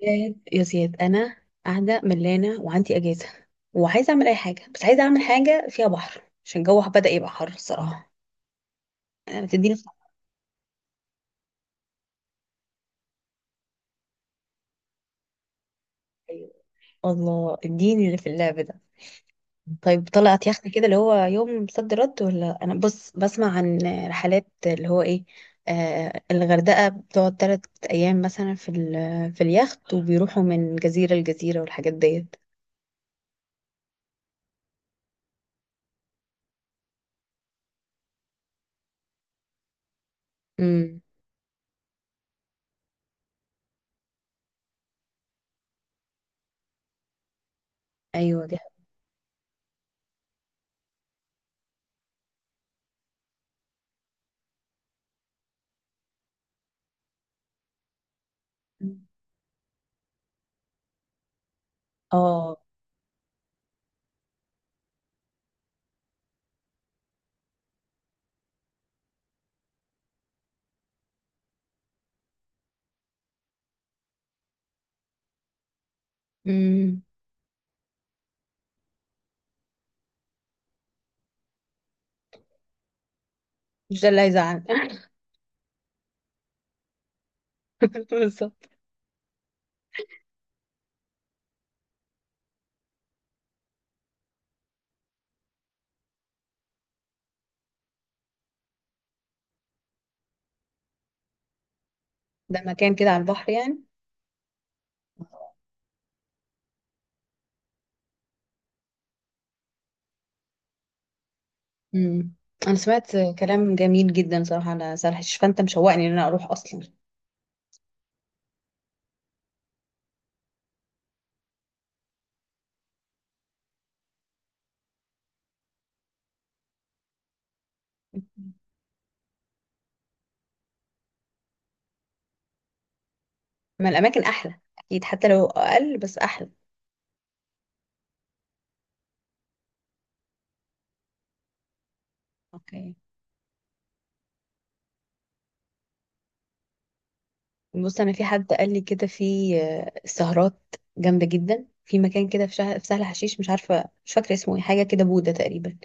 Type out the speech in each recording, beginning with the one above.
زياد يا زياد انا قاعده ملانه وعندي اجازه، وعايزه اعمل اي حاجه، بس عايزه اعمل حاجه فيها بحر عشان الجو بدا يبقى حر الصراحه. انا بتديني في الحرية. الله اديني اللي في اللعب ده. طيب طلعت يخت كده اللي هو يوم صد رد، ولا انا بص بسمع عن رحلات اللي هو ايه. آه الغردقه بتقعد تلات ايام مثلا في اليخت، وبيروحوا من جزيره لجزيره والحاجات ديت. امم ايوه دي حقيقة. اه. امم مش ده اللي هيزعل. بالظبط. ده مكان كده على البحر يعني. امم انا سمعت كلام جميل جدا صراحه على سهل حشيش، فانت مشوقني ان انا اروح اصلا. ما الاماكن احلى اكيد، حتى لو اقل بس احلى. اوكي بص، انا في حد قال لي كده في سهرات جامده جدا في مكان كده في شهر في سهل حشيش، مش عارفه مش فاكره اسمه ايه، حاجه كده بوده تقريبا.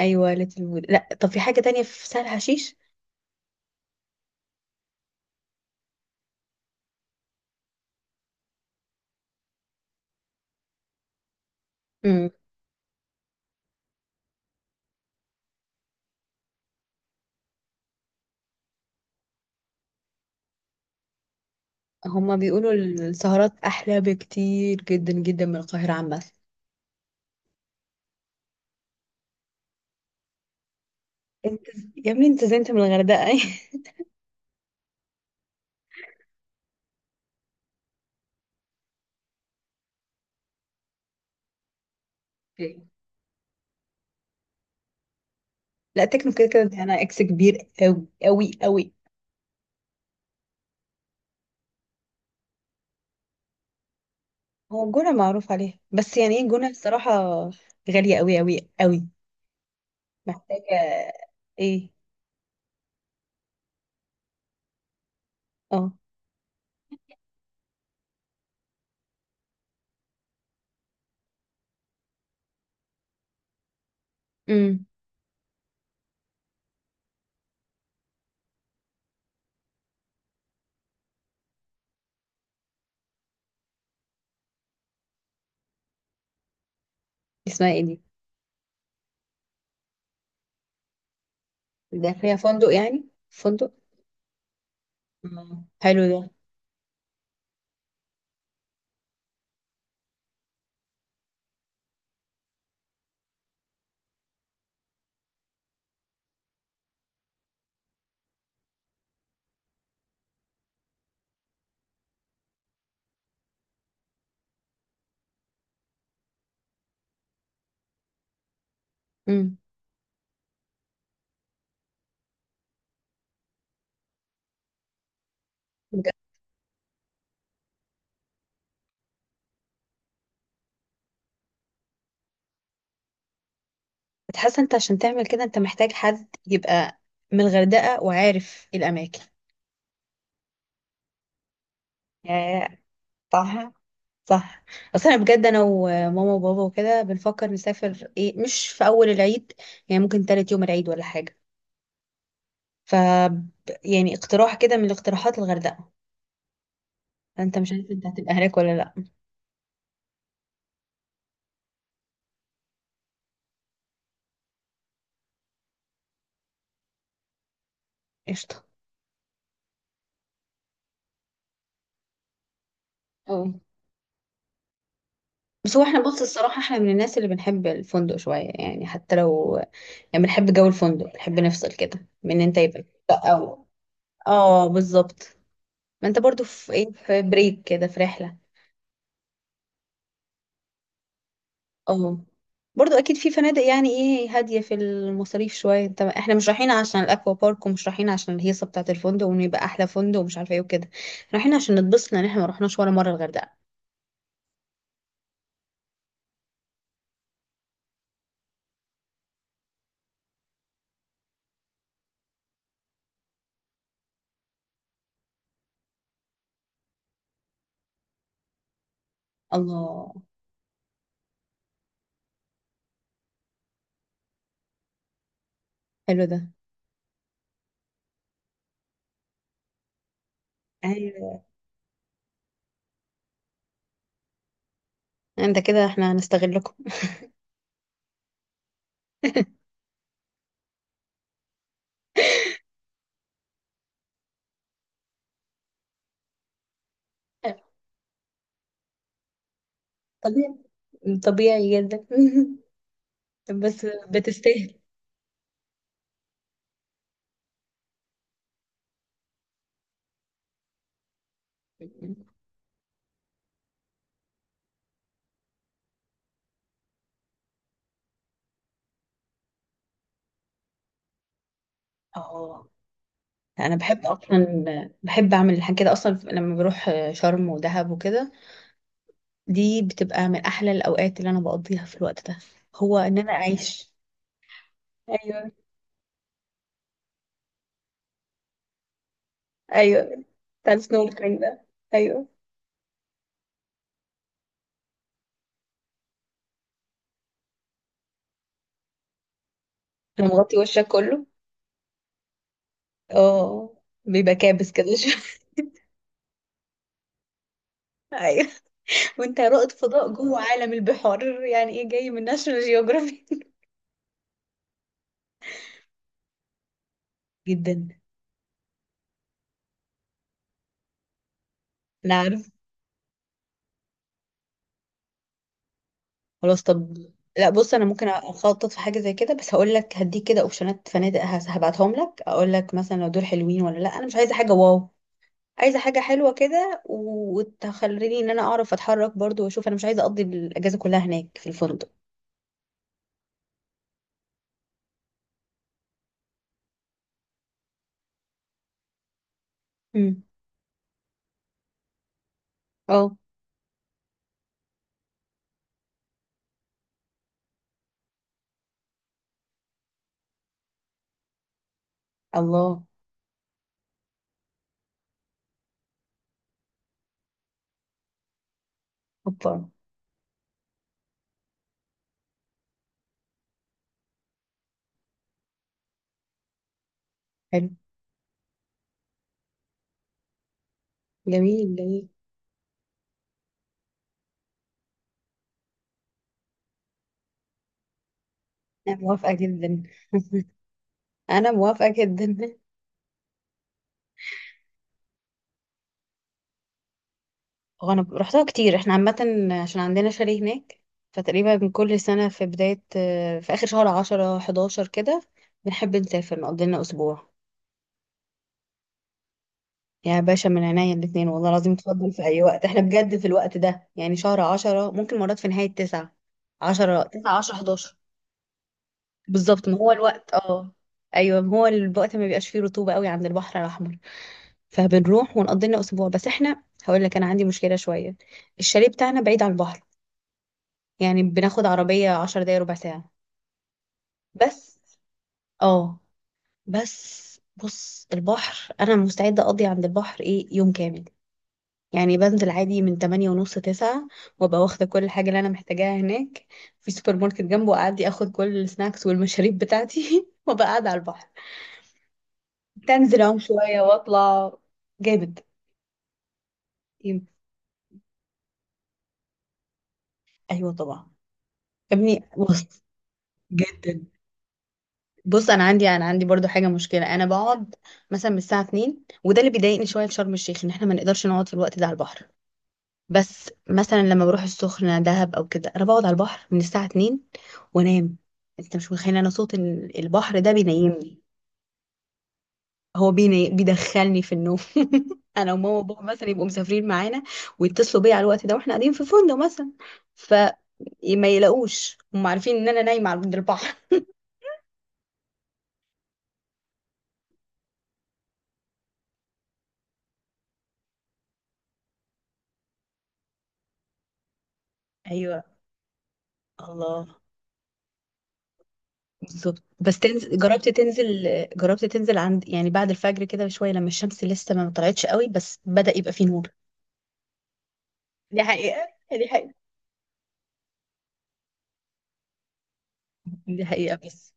ايوه ليتل بودا، لا طب في حاجه تانية في سهل حشيش. امم هما بيقولوا السهرات احلى بكتير جدا جدا من القاهره عامه. انت يا ابني انت زي انت من الغردقه. اوكي لا تكنو كده كده دي انا اكس كبير قوي قوي قوي. هو الجونه معروف عليها، بس يعني ايه الجونه الصراحه؟ غاليه قوي قوي قوي. محتاجه ايه؟ اه. امم اسمها ايه دي؟ ده فيها فندق يعني فندق؟ آه. حلو ده. امم بتحس انت عشان تعمل كده انت محتاج حد يبقى من الغردقه وعارف الاماكن. يا صح صح، اصلا بجد انا وماما وبابا وكده بنفكر نسافر ايه مش في اول العيد، يعني ممكن تالت يوم العيد ولا حاجه. ف يعني اقتراح كده من الاقتراحات الغردقه، انت مش عارف انت هتبقى هناك ولا لا؟ قشطه. اه بس هو احنا بص الصراحه احنا من الناس اللي بنحب الفندق شويه، يعني حتى لو يعني بنحب جو الفندق، بنحب نفصل كده من ان انت يبقى. او اه بالظبط، ما انت برضو في ايه في بريك كده في رحله. اه، برضو اكيد في فنادق يعني ايه هاديه في المصاريف شويه. انت احنا مش رايحين عشان الاكوا بارك، ومش رايحين عشان الهيصه بتاعه الفندق وان يبقى احلى فندق ومش عارفه ايه وكده. رايحين عشان نتبسط، لان احنا ما رحناش ولا مره الغردقه. الله. حلو ده. ايوه. انت كده احنا هنستغلكم. طبيعي، طبيعي جدا. بس بتستاهل. اه انا بحب اصلا بحب اعمل الحاجات كده اصلا، لما بروح شرم ودهب وكده دي بتبقى من احلى الاوقات اللي انا بقضيها. في الوقت ده هو ان انا اعيش. ايوه ايوه. بتاع السنوركلينج ده، ايوه. انا مغطي وشك كله، اه، بيبقى كابس كده شوية. ايوه، وانت رائد فضاء جوه عالم البحار يعني ايه جاي من ناشونال جيوغرافي. جدا. انا عارف. خلاص طب، لا بص انا ممكن اخطط في حاجه زي كده، بس هقول لك هديك كده اوبشنات فنادق هبعتهم لك، اقول لك مثلا لو دول حلوين ولا لا. انا مش عايزه حاجه واو، عايزه حاجه حلوه كده، وتخليني ان انا اعرف اتحرك برضو واشوف. انا مش عايزه اقضي الاجازه كلها هناك في الفندق. امم اه. الله. اوبا. حلو. جميل جميل. انا موافقه جدا، انا موافقه جدا. هو انا رحتها كتير احنا عامه، عشان عندنا شاليه هناك. فتقريبا كل سنه في بدايه في اخر شهر 10 11 كده بنحب نسافر نقضي لنا اسبوع. يا باشا من عينيا الاتنين والله العظيم تفضل في أي وقت. احنا بجد في الوقت ده يعني شهر عشرة، ممكن مرات في نهاية تسعة، عشرة تسعة عشرة حداشر. بالظبط، ما هو الوقت اه. أيوه ما هو الوقت ما بيبقاش فيه رطوبة قوي عند البحر الأحمر. فبنروح ونقضي لنا أسبوع، بس احنا هقول لك أنا عندي مشكلة شوية، الشاليه بتاعنا بعيد عن البحر، يعني بناخد عربية عشر دقايق ربع ساعة بس. اه بس بص البحر أنا مستعدة أقضي عند البحر إيه يوم كامل، يعني بنزل عادي من تمانية ونص تسعة، وابقى واخدة كل حاجة اللي أنا محتاجاها هناك. في سوبر ماركت جنبه، أعدي أخد كل السناكس والمشاريب بتاعتي، وابقى قاعدة على البحر، تنزل أعوم شوية وأطلع. جامد. يم- أيوة طبعا. يا ابني بص، جدا. بص أنا عندي برضو حاجة مشكلة، أنا بقعد مثلا من الساعة 2، وده اللي بيضايقني شوية في شرم الشيخ، إن إحنا ما نقدرش نقعد في الوقت ده على البحر. بس مثلا لما بروح السخنة دهب أو كده أنا بقعد على البحر من الساعة 2 وأنام. أنت مش متخيل أنا صوت البحر ده بينيمني، بيدخلني في النوم. أنا وماما وبابا مثلا يبقوا مسافرين معانا، ويتصلوا بيا على الوقت ده وإحنا قاعدين في فندق مثلا، فما يلاقوش، هم عارفين إن أنا نايمة عند البحر. أيوه. الله. بالظبط. بس تنزل، جربت تنزل عند يعني بعد الفجر كده بشوية، لما الشمس لسه ما طلعتش قوي بس بدأ يبقى فيه نور. دي حقيقة، دي حقيقة، دي حقيقة. بس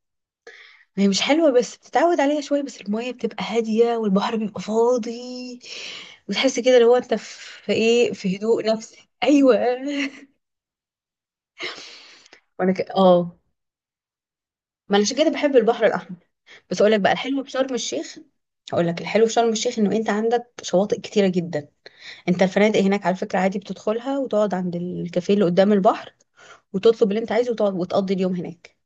هي مش حلوة، بس بتتعود عليها شوية، بس المية بتبقى هادية والبحر بيبقى فاضي، وتحس كده اللي هو انت في في ايه في هدوء نفسي ايوه. اه ما انا عشان كده بحب البحر الاحمر. بس اقول لك بقى الحلو في شرم الشيخ، هقول لك الحلو في شرم الشيخ انه انت عندك شواطئ كتيرة جدا. انت الفنادق هناك على فكرة عادي بتدخلها وتقعد عند الكافيه اللي قدام البحر، وتطلب اللي انت عايزه وتقعد وتقضي اليوم هناك.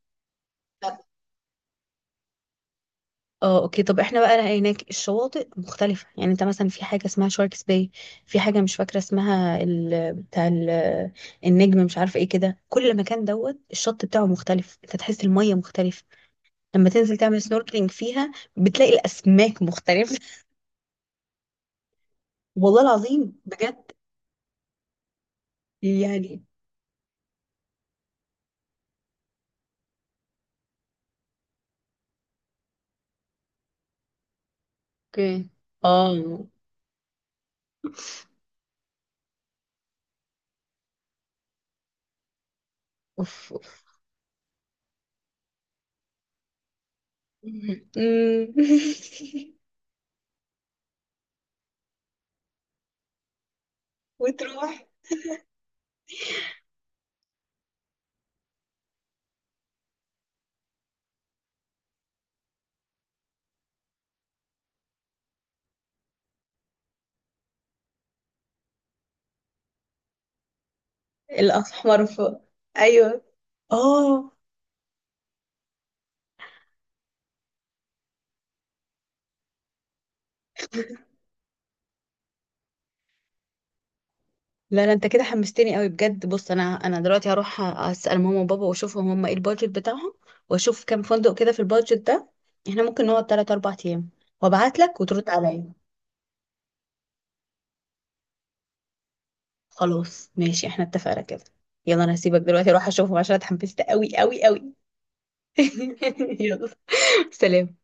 اه اوكي، طب احنا بقى هناك الشواطئ مختلفة. يعني انت مثلا في حاجة اسمها شاركس باي، في حاجة مش فاكرة اسمها بتاع النجم، مش عارفة ايه. كده كل مكان دوت الشط بتاعه مختلف، انت تحس المية مختلفة، لما تنزل تعمل سنوركلينج فيها بتلاقي الاسماك مختلفة. والله العظيم بجد، يعني. اوكي. اه. اوف اوف. مم. وتروح. الاحمر فوق. ايوه اه. لا لا، انت كده حمستني قوي بجد. بص انا دلوقتي هروح اسال ماما وبابا واشوفهم هم ايه البادجت بتاعهم، واشوف كام فندق كده في البادجت ده احنا ممكن نقعد 3 4 ايام، وابعت لك وترد عليا. خلاص ماشي احنا اتفقنا كده. يلا انا هسيبك دلوقتي اروح اشوفهم عشان اتحمست قوي قوي قوي. يلا سلام.